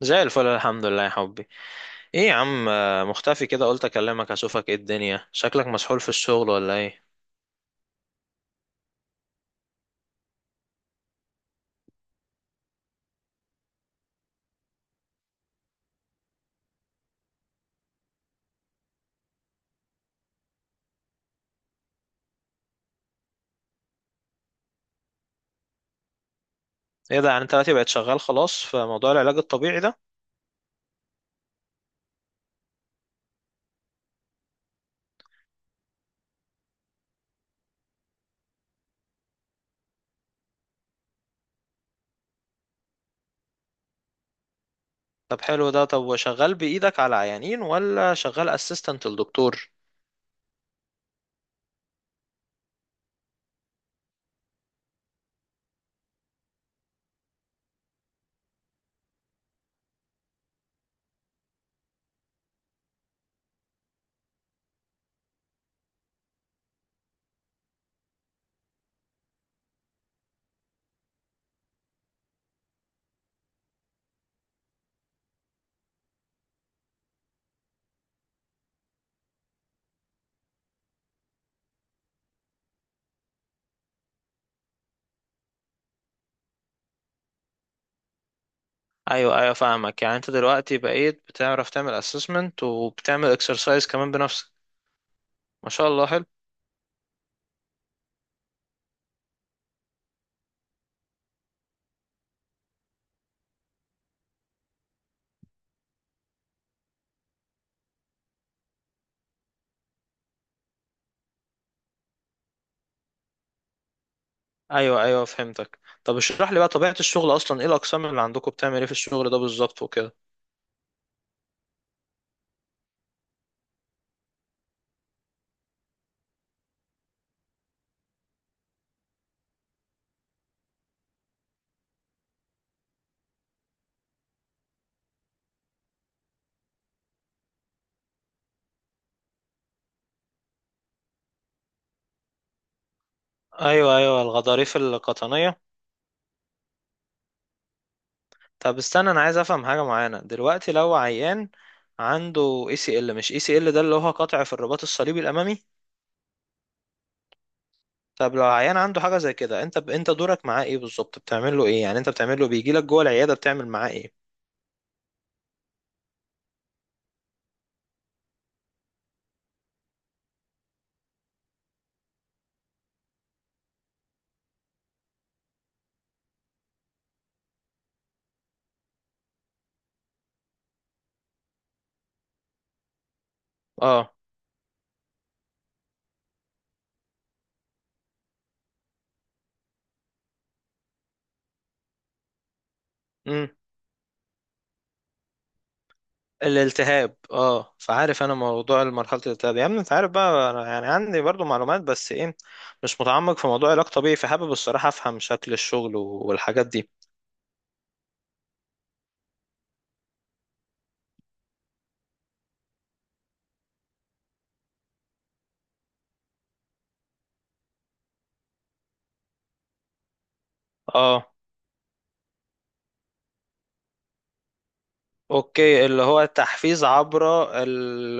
زي الفل، الحمد لله يا حبي. ايه يا عم، مختفي كده، قلت اكلمك اشوفك ايه الدنيا، شكلك مسحول في الشغل ولا ايه؟ ايه ده؟ يعني انت دلوقتي بقيت شغال خلاص في موضوع العلاج الطبيعي ده؟ طب حلو ده. طب وشغال بايدك على عيانين ولا شغال اسيستنت للدكتور؟ ايوه ايوه فاهمك. يعني انت دلوقتي بقيت بتعرف تعمل اسسمنت وبتعمل اكسرسايز كمان بنفسك؟ ما شاء الله حلو. ايوه ايوه فهمتك. طب اشرح لي بقى طبيعة الشغل اصلا، ايه الاقسام اللي عندكم، بتعمل ايه في الشغل ده بالظبط وكده؟ ايوه ايوه، الغضاريف القطنية. طب استنى، انا عايز افهم حاجه معينه. دلوقتي لو عيان عنده اي سي ال، مش اي سي ال ده اللي هو قطع في الرباط الصليبي الامامي؟ طب لو عيان عنده حاجه زي كده، انت دورك معاه ايه بالظبط؟ بتعمل له ايه يعني؟ انت بتعمل له، بيجي لك جوه العياده بتعمل معاه ايه؟ اه. امم. الالتهاب، اه. فعارف انا موضوع مرحله الالتهاب يا ابني، انت عارف بقى انا يعني عندي برضو معلومات، بس ايه، مش متعمق في موضوع علاج طبيعي، فحابب الصراحه افهم شكل الشغل والحاجات دي. اه. اوكي، اللي هو تحفيز عبر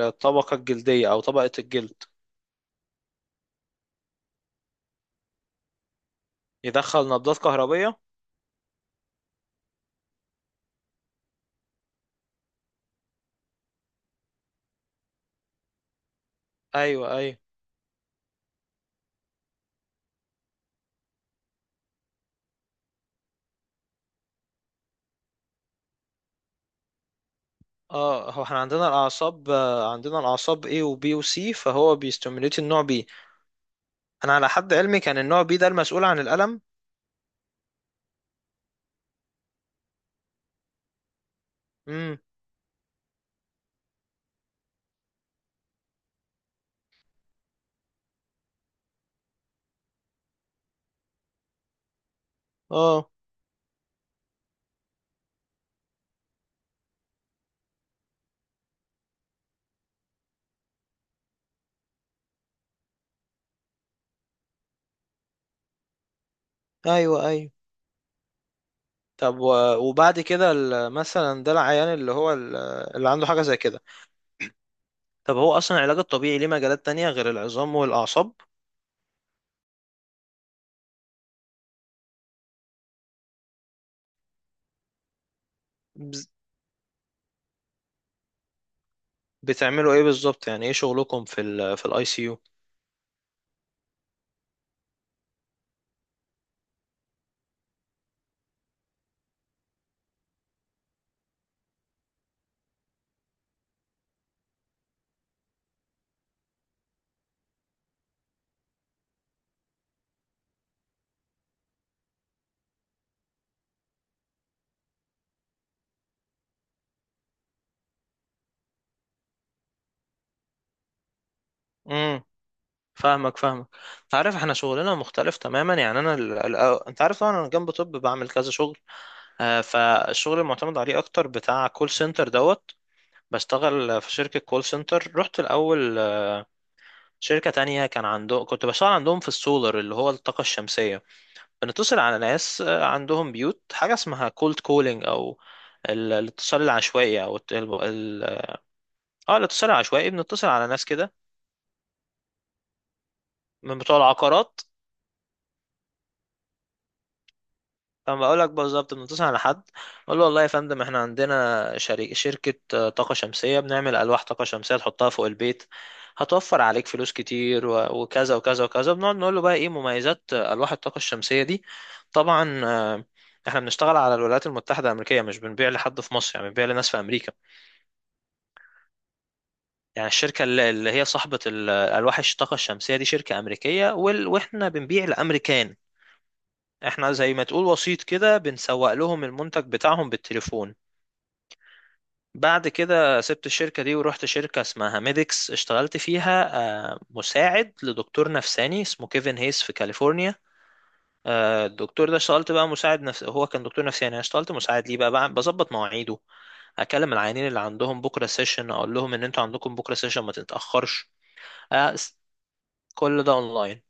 الطبقة الجلدية او طبقة الجلد. يدخل نبضات كهربية. ايوه ايوه. اه، هو احنا عندنا الاعصاب، عندنا الاعصاب A و B و C، فهو بيستيموليت النوع B. انا على حد علمي كان النوع B ده المسؤول عن الألم. امم. اه. ايوه ايوه. طب وبعد كده مثلا ده العيان اللي هو اللي عنده حاجة زي كده. طب هو اصلا العلاج الطبيعي ليه مجالات تانية غير العظام والاعصاب؟ بز- بتعملوا ايه بالظبط؟ يعني ايه شغلكم في ال، في الاي سي؟ امم. فاهمك. انت عارف احنا شغلنا مختلف تماما، يعني انا انت عارف طبعا انا جنب طب بعمل كذا شغل. فالشغل المعتمد عليه اكتر بتاع كول سنتر دوت. بشتغل في شركة كول سنتر. رحت الاول شركة تانية كان عندهم، كنت بشتغل عندهم في السولر اللي هو الطاقة الشمسية. بنتصل على ناس عندهم بيوت. حاجة اسمها كولد كولينج، او الاتصال العشوائي، او اه الاتصال العشوائي. بنتصل على ناس كده من بتوع العقارات. اما اقول لك بالظبط، بنتصل على حد اقول له: والله يا فندم احنا عندنا شريك، شركه طاقه شمسيه، بنعمل الواح طاقه شمسيه تحطها فوق البيت هتوفر عليك فلوس كتير، وكذا وكذا وكذا. بنقعد نقول له بقى ايه مميزات الواح الطاقه الشمسيه دي. طبعا آه، احنا بنشتغل على الولايات المتحده الامريكيه، مش بنبيع لحد في مصر، يعني بنبيع لناس في امريكا. يعني الشركه اللي هي صاحبه الواح الطاقه الشمسيه دي شركه امريكيه، واحنا بنبيع لامريكان. احنا زي ما تقول وسيط كده، بنسوق لهم المنتج بتاعهم بالتليفون. بعد كده سبت الشركة دي ورحت شركة اسمها ميديكس، اشتغلت فيها مساعد لدكتور نفساني اسمه كيفن هيس في كاليفورنيا. الدكتور ده اشتغلت بقى مساعد، نفس هو كان دكتور نفساني، انا اشتغلت مساعد ليه بقى، بظبط مواعيده، اكلم العيانين اللي عندهم بكرة سيشن اقول لهم ان انتوا عندكم بكرة سيشن ما تتأخرش. آه، س- كل ده اونلاين.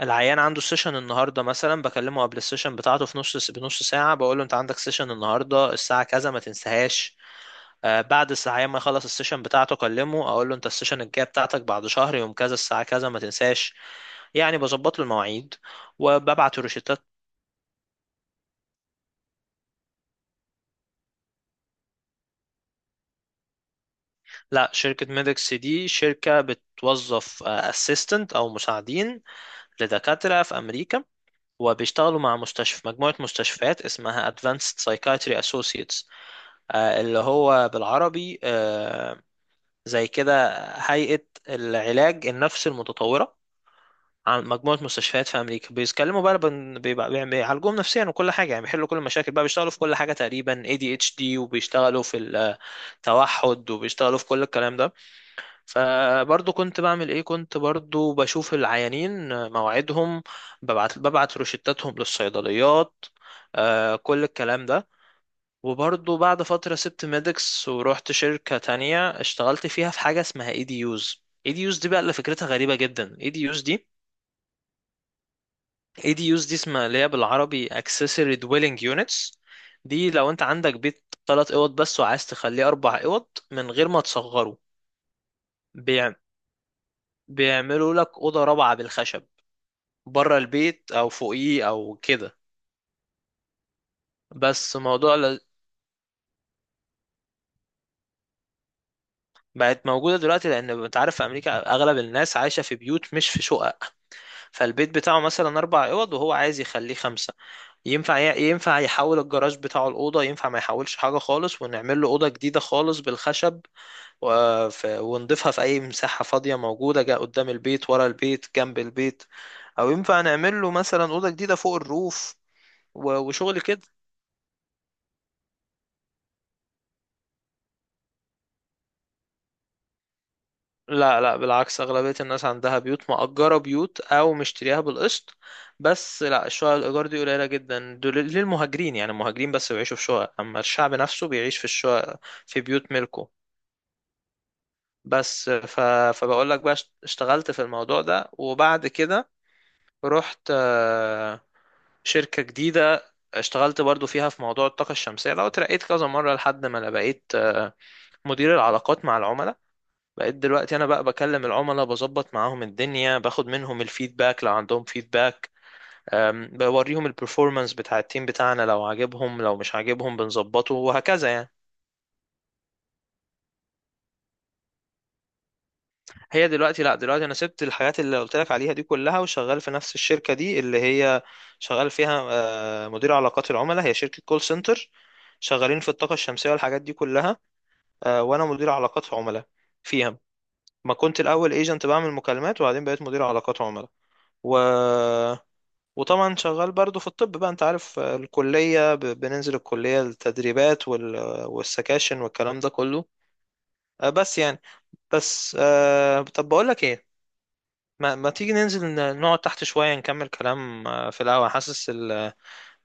العيان عنده سيشن النهارده مثلا بكلمه قبل السيشن بتاعته في نص بنص ساعة، بقول له انت عندك سيشن النهارده الساعة كذا ما تنساهاش. بعد الساعة ما يخلص السيشن بتاعته أكلمه أقول له أنت السيشن الجاية بتاعتك بعد شهر يوم كذا الساعة كذا ما تنساش. يعني بظبط له المواعيد وببعت له روشتات. لا، شركة ميدكس دي شركة بتوظف اسيستنت أو مساعدين لدكاترة في أمريكا، وبيشتغلوا مع مستشفى، مجموعة مستشفيات اسمها Advanced Psychiatry Associates، اللي هو بالعربي زي كده هيئة العلاج النفسي المتطورة. عن مجموعة مستشفيات في أمريكا، بيتكلموا بقى بيعالجوهم نفسيا وكل حاجة، يعني بيحلوا كل المشاكل بقى، بيشتغلوا في كل حاجة تقريبا، ADHD، وبيشتغلوا في التوحد، وبيشتغلوا في كل الكلام ده. فبرضه كنت بعمل إيه، كنت برضه بشوف العيانين مواعيدهم، ببعت روشتاتهم للصيدليات، كل الكلام ده. وبرضه بعد فترة سبت ميدكس ورحت شركة تانية اشتغلت فيها في حاجة اسمها ADUs. ADUs دي يوز دي بقى اللي فكرتها غريبة جدا. ADUs دي يوز دي، اي دي يوز دي اسمها، اللي هي بالعربي accessory dwelling units. دي لو انت عندك بيت ثلاث اوض بس وعايز تخليه اربع اوض من غير ما تصغره، بيع... بيعملوا لك اوضه رابعه بالخشب بره البيت او فوقيه او كده. بس موضوع ل... بقت موجوده دلوقتي لان انت عارف في امريكا اغلب الناس عايشه في بيوت مش في شقق. فالبيت بتاعه مثلا اربع اوض وهو عايز يخليه خمسه، ينفع يحول الجراج بتاعه الاوضه، ينفع ما يحولش حاجه خالص ونعمل له اوضه جديده خالص بالخشب، ونضيفها في أي مساحة فاضية موجودة، جا قدام البيت ورا البيت جنب البيت، أو ينفع نعمل له مثلا أوضة جديدة فوق الروف، وشغل كده. لا لا بالعكس، أغلبية الناس عندها بيوت مأجرة، بيوت أو مشتريها بالقسط. بس لا الشقق الإيجار دي قليلة جدا، دول للمهاجرين، يعني المهاجرين بس بيعيشوا في شقق، أما الشعب نفسه بيعيش في الشقق، في بيوت ملكه. بس ف... فبقول لك بقى اشتغلت في الموضوع ده، وبعد كده رحت شركة جديدة اشتغلت برضو فيها في موضوع الطاقة الشمسية ده، وترقيت كذا مرة لحد ما انا بقيت مدير العلاقات مع العملاء. بقيت دلوقتي انا بقى بكلم العملاء، بظبط معاهم الدنيا، باخد منهم الفيدباك لو عندهم فيدباك. بوريهم البرفورمانس بتاع التيم بتاعنا لو عاجبهم لو مش عاجبهم بنظبطه، وهكذا يعني. هي دلوقتي لا دلوقتي انا سبت الحاجات اللي قلت لك عليها دي كلها، وشغال في نفس الشركة دي اللي هي شغال فيها مدير علاقات العملاء. هي شركة كول سنتر شغالين في الطاقة الشمسية والحاجات دي كلها، وانا مدير علاقات عملاء فيها. ما كنت الاول ايجنت بعمل مكالمات وبعدين بقيت مدير علاقات عملاء. و... وطبعا شغال برضو في الطب بقى، انت عارف الكلية، بننزل الكلية التدريبات والسكاشن والكلام ده كله. آه، بس يعني بس آه، طب بقول لك ايه، ما تيجي ننزل نقعد تحت شوية نكمل كلام في الهوا، حاسس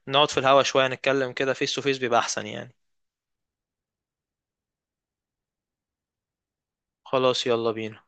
نقعد في الهوا شوية نتكلم كده فيس تو فيس بيبقى احسن يعني. خلاص يلا بينا.